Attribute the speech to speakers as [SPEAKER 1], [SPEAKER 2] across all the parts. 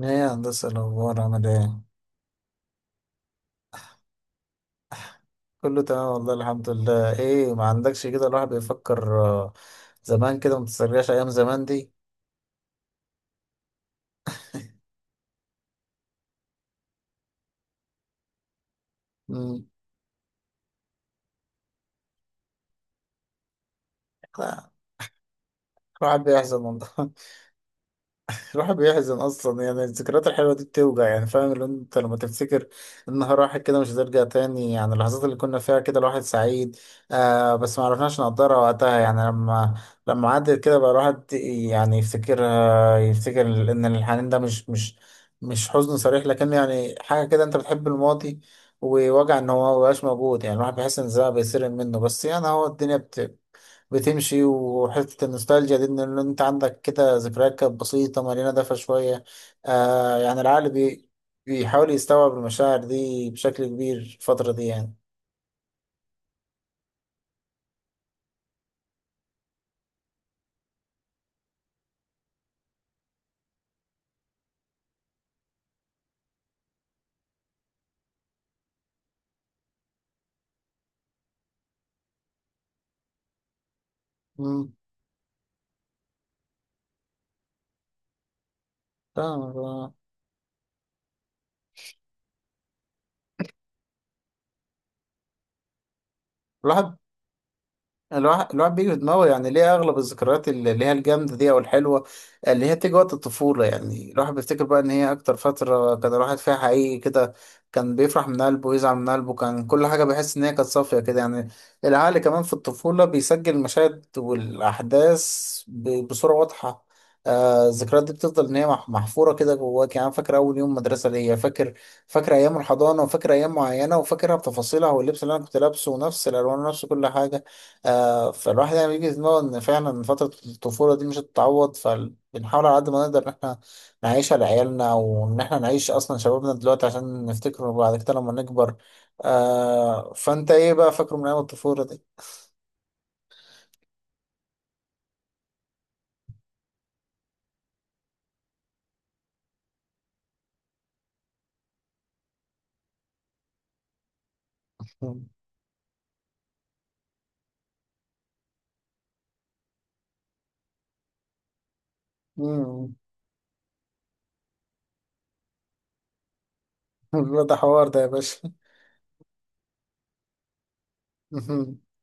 [SPEAKER 1] ايه يا هندسة، الأخبار عامل ايه؟ كله تمام والله الحمد لله. ايه ما عندكش كده، الواحد بيفكر، زمان كده ما تسترجعش أيام زمان دي. مم، لا، الواحد بيحزن والله. الواحد بيحزن اصلا، يعني الذكريات الحلوه دي بتوجع، يعني فاهم اللي انت لما تفتكر النهار راحت كده مش هترجع تاني. يعني اللحظات اللي كنا فيها كده الواحد سعيد، بس ما عرفناش نقدرها وقتها، يعني لما عدت كده بقى الواحد يعني يفتكرها، يفتكر ان الحنين ده مش حزن صريح، لكن يعني حاجه كده، انت بتحب الماضي ووجع ان هو مبقاش موجود. يعني الواحد بيحس ان الزمن بيسرق منه، بس يعني هو الدنيا بتمشي. وحتة النوستالجيا دي إن أنت عندك كده ذكريات كانت بسيطة مليانة دفى شوية. يعني العقل بيحاول يستوعب المشاعر دي بشكل كبير الفترة دي يعني. مم. فاهم. الواحد الواحد بيجي في دماغه، يعني ليه اغلب الذكريات اللي هي الجامده دي او الحلوه اللي هي بتيجي وقت الطفوله. يعني الواحد بيفتكر بقى ان هي اكتر فتره كان الواحد فيها حقيقي كده، كان بيفرح من قلبه ويزعل من قلبه، كان كل حاجه بيحس ان هي كانت صافيه كده يعني. العقل كمان في الطفوله بيسجل المشاهد والاحداث بصوره واضحه. الذكريات دي بتفضل ان هي محفوره كده جواك. يعني أنا فاكر اول يوم مدرسه ليا، فاكر، فاكر ايام الحضانه وفاكر ايام معينه وفاكرها بتفاصيلها واللبس اللي انا كنت لابسه ونفس الالوان ونفس كل حاجه. فالواحد يعني بيجي في دماغه ان فعلا فترة الطفولة دي مش هتتعوض، فبنحاول على قد ما نقدر ان احنا نعيشها لعيالنا وان احنا نعيش اصلا شبابنا دلوقتي عشان نفتكره بعد كده لما نكبر. فانت ايه بقى فاكره من ايام الطفولة دي؟ مم. ده حوار ده يا باشا.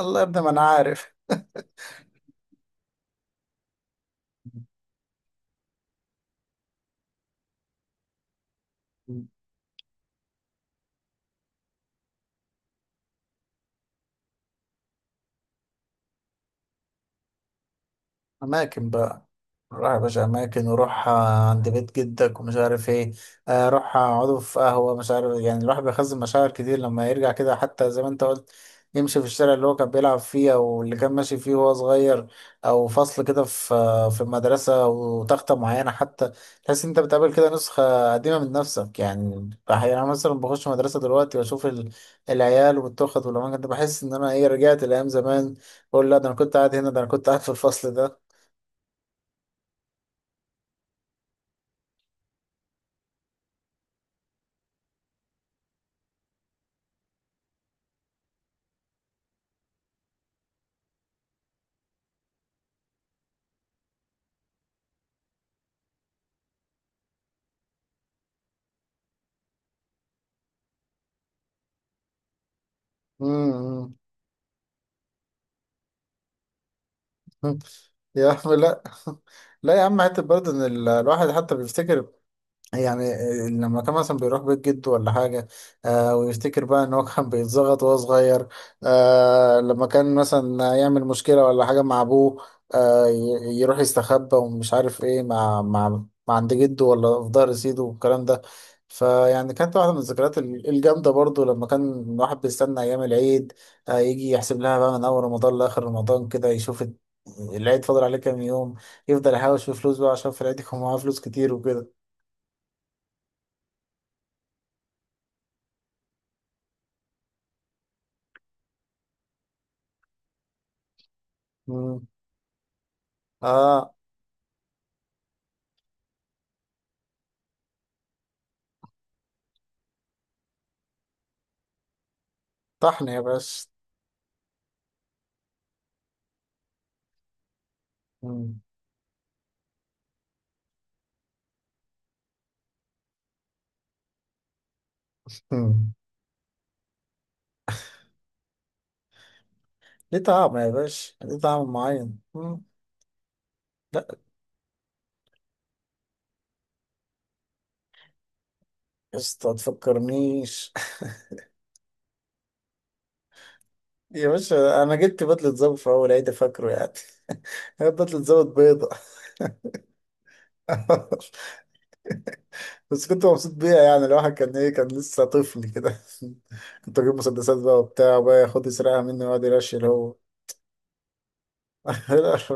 [SPEAKER 1] الله يا ابني، ما انا عارف. اماكن بقى، روح يا باشا، أماكن، وروح عند بيت جدك ومش عارف إيه. روح اقعدوا في قهوة مش عارف. يعني الواحد بيخزن مشاعر كتير لما يرجع كده، حتى زي ما أنت قلت يمشي في الشارع اللي هو كان بيلعب فيه أو اللي كان ماشي فيه وهو صغير، أو فصل كده في، في المدرسة، وتختة معينة حتى. تحس إن أنت بتقابل كده نسخة قديمة من نفسك. يعني أحيانا مثلا بخش مدرسة دلوقتي وأشوف العيال والتخت والأماكن دي، بحس إن أنا إيه، رجعت لأيام زمان. بقول لا، ده أنا كنت قاعد هنا، ده أنا كنت قاعد في الفصل ده. مم. يا عم لا. لا يا عم، حتى برضه ان الواحد حتى بيفتكر، يعني لما كان مثلا بيروح بيت جده ولا حاجة. ويفتكر بقى إن هو كان بيتزغط وهو صغير. لما كان مثلا يعمل مشكلة ولا حاجة مع أبوه، يروح يستخبى ومش عارف إيه، مع مع عند جده ولا في ظهر سيده والكلام ده. فيعني كانت واحدة من الذكريات الجامدة برضو لما كان الواحد بيستنى أيام العيد. يجي يحسب لها بقى من أول رمضان لآخر رمضان كده، يشوف العيد فاضل عليه كام يوم، يفضل يحوش في فلوس بقى عشان في العيد يكون معاه فلوس كتير وكده. مم. اه، طحن يا باشا. مم. مم. ليه طعم يا باشا، ليه طعم معين. مم. لا، يا اسطى ما تفكرنيش. يا باشا انا جبت بدلة ظابط في اول عيد فاكره يعني. هي بدلة ظابط بيضة. بس كنت مبسوط بيها، يعني الواحد كان ايه، كان لسه طفل كده. كنت اجيب مسدسات بقى وبتاع، وبقى ياخد يسرقها مني ويقعد يرشي هو. إيه القرف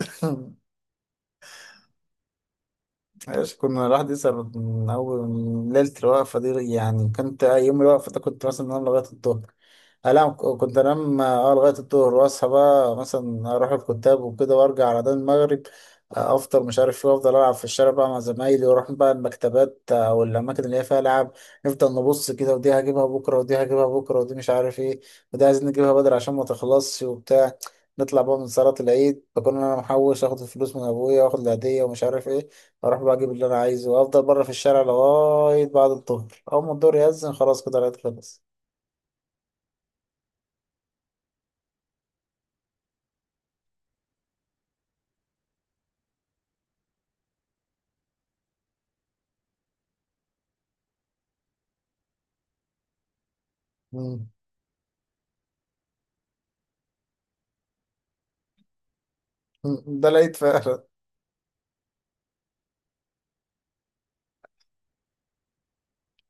[SPEAKER 1] ده؟ ماشي، كنا الواحد يسهر من أول من ليلة الوقفة دي. يعني كنت يوم الوقفة ده كنت مثلا أنام لغاية الظهر، أنام، كنت أنام لغاية الظهر، وأصحى بقى مثلا أروح الكتاب وكده وأرجع على ده المغرب. أفطر مش عارف إيه، وأفضل ألعب في الشارع بقى مع زمايلي، وأروح بقى المكتبات، أو الأماكن اللي هي فيها ألعاب. نفضل نبص كده، ودي هجيبها بكرة، ودي هجيبها بكرة، ودي مش عارف إيه، ودي عايزين نجيبها بدري عشان ما تخلصش وبتاع. نطلع بقى من صلاة العيد بكون أنا محوش، آخد الفلوس من أبويا وآخد العيدية ومش عارف إيه، اروح بقى اجيب اللي انا عايزه، وافضل بره في الشارع لغايه بعد الظهر، اول ما الظهر يأذن خلاص كده العيد خلص. مم. مم. ده العيد فعلا.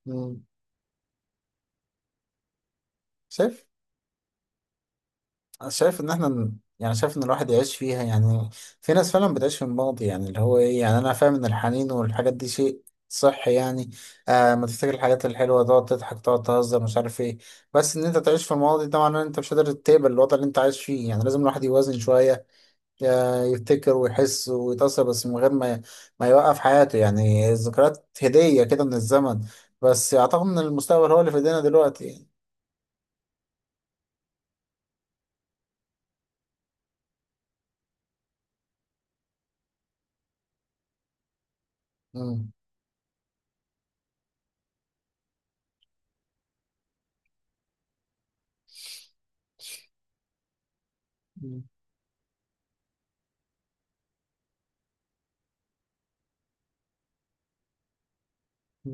[SPEAKER 1] مم. شايف، أنا شايف ان احنا يعني شايف ان الواحد يعيش فيها يعني. في ناس فعلا بتعيش في الماضي، يعني اللي هو ايه، يعني انا فاهم ان الحنين والحاجات دي شيء صح يعني. ما تفتكر الحاجات الحلوه، تقعد تضحك تقعد تهزر مش عارف ايه. بس ان انت تعيش في الماضي ده معناه ان انت مش قادر تقبل الوضع اللي انت عايش فيه، يعني لازم الواحد يوازن شويه. يعني يفتكر ويحس ويتأثر، بس من غير ما يوقف حياته. يعني الذكريات هدية كده من الزمن، بس أعتقد إن المستقبل هو اللي في إيدينا دلوقتي يعني. مم. مم.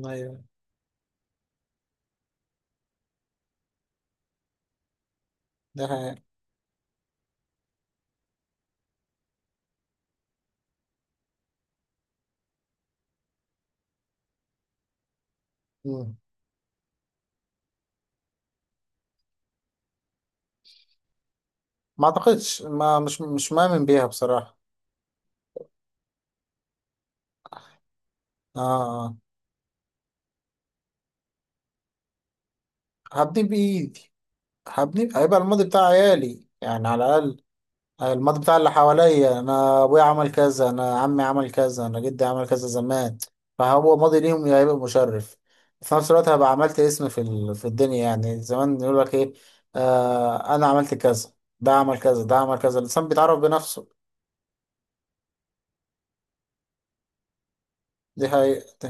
[SPEAKER 1] ايوه، ده حقيقة. مم. ما أعتقدش، ما مش مؤمن بيها بصراحة. آه آه. هبني بإيدي، هبني، هيبقى الماضي بتاع عيالي يعني، على الأقل الماضي بتاع اللي حواليا. انا ابويا عمل كذا، انا عمي عمل كذا، انا جدي عمل كذا زمان، فهو ماضي ليهم هيبقى مشرف. في نفس الوقت هبقى عملت اسم في في الدنيا، يعني زمان يقول لك ايه، انا عملت كذا، ده عمل كذا، ده عمل كذا، الانسان بيتعرف بنفسه. دي حقيقة.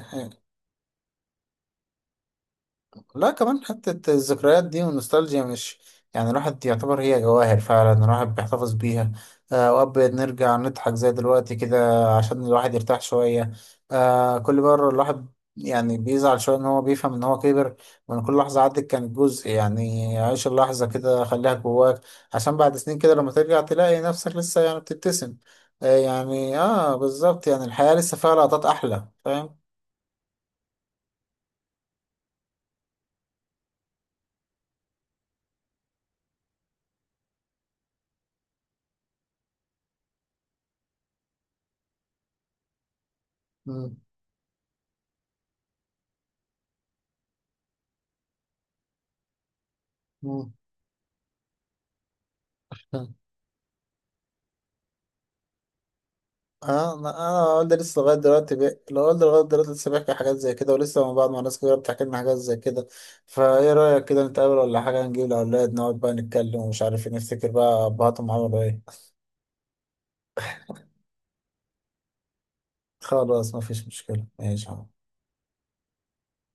[SPEAKER 1] لا كمان حتة الذكريات دي والنوستالجيا مش، يعني الواحد يعتبر هي جواهر فعلا، الواحد بيحتفظ بيها. وأوقات بنرجع نضحك زي دلوقتي كده عشان الواحد يرتاح شوية. كل مرة الواحد يعني بيزعل شوية إن هو بيفهم إن هو كبر، وإن كل لحظة عدت كانت جزء. يعني عيش اللحظة كده، خليها جواك عشان بعد سنين كده لما ترجع تلاقي نفسك لسه يعني بتبتسم. يعني آه، بالظبط، يعني الحياة لسه فيها لقطات أحلى، فاهم؟ مم. مم. اه، انا والدي لسه لغايه دلوقتي لو والدي لغايه دلوقتي لسه بيحكي حاجات زي كده، ولسه من بعض ما ناس كبيره بتحكي لنا حاجات زي كده. فايه رايك كده نتقابل ولا حاجه، نجيب الاولاد نقعد بقى نتكلم ومش عارف إيه، نفتكر بقى ابهاتهم عملوا ايه. خلاص، مفيش مشكله، ماشي.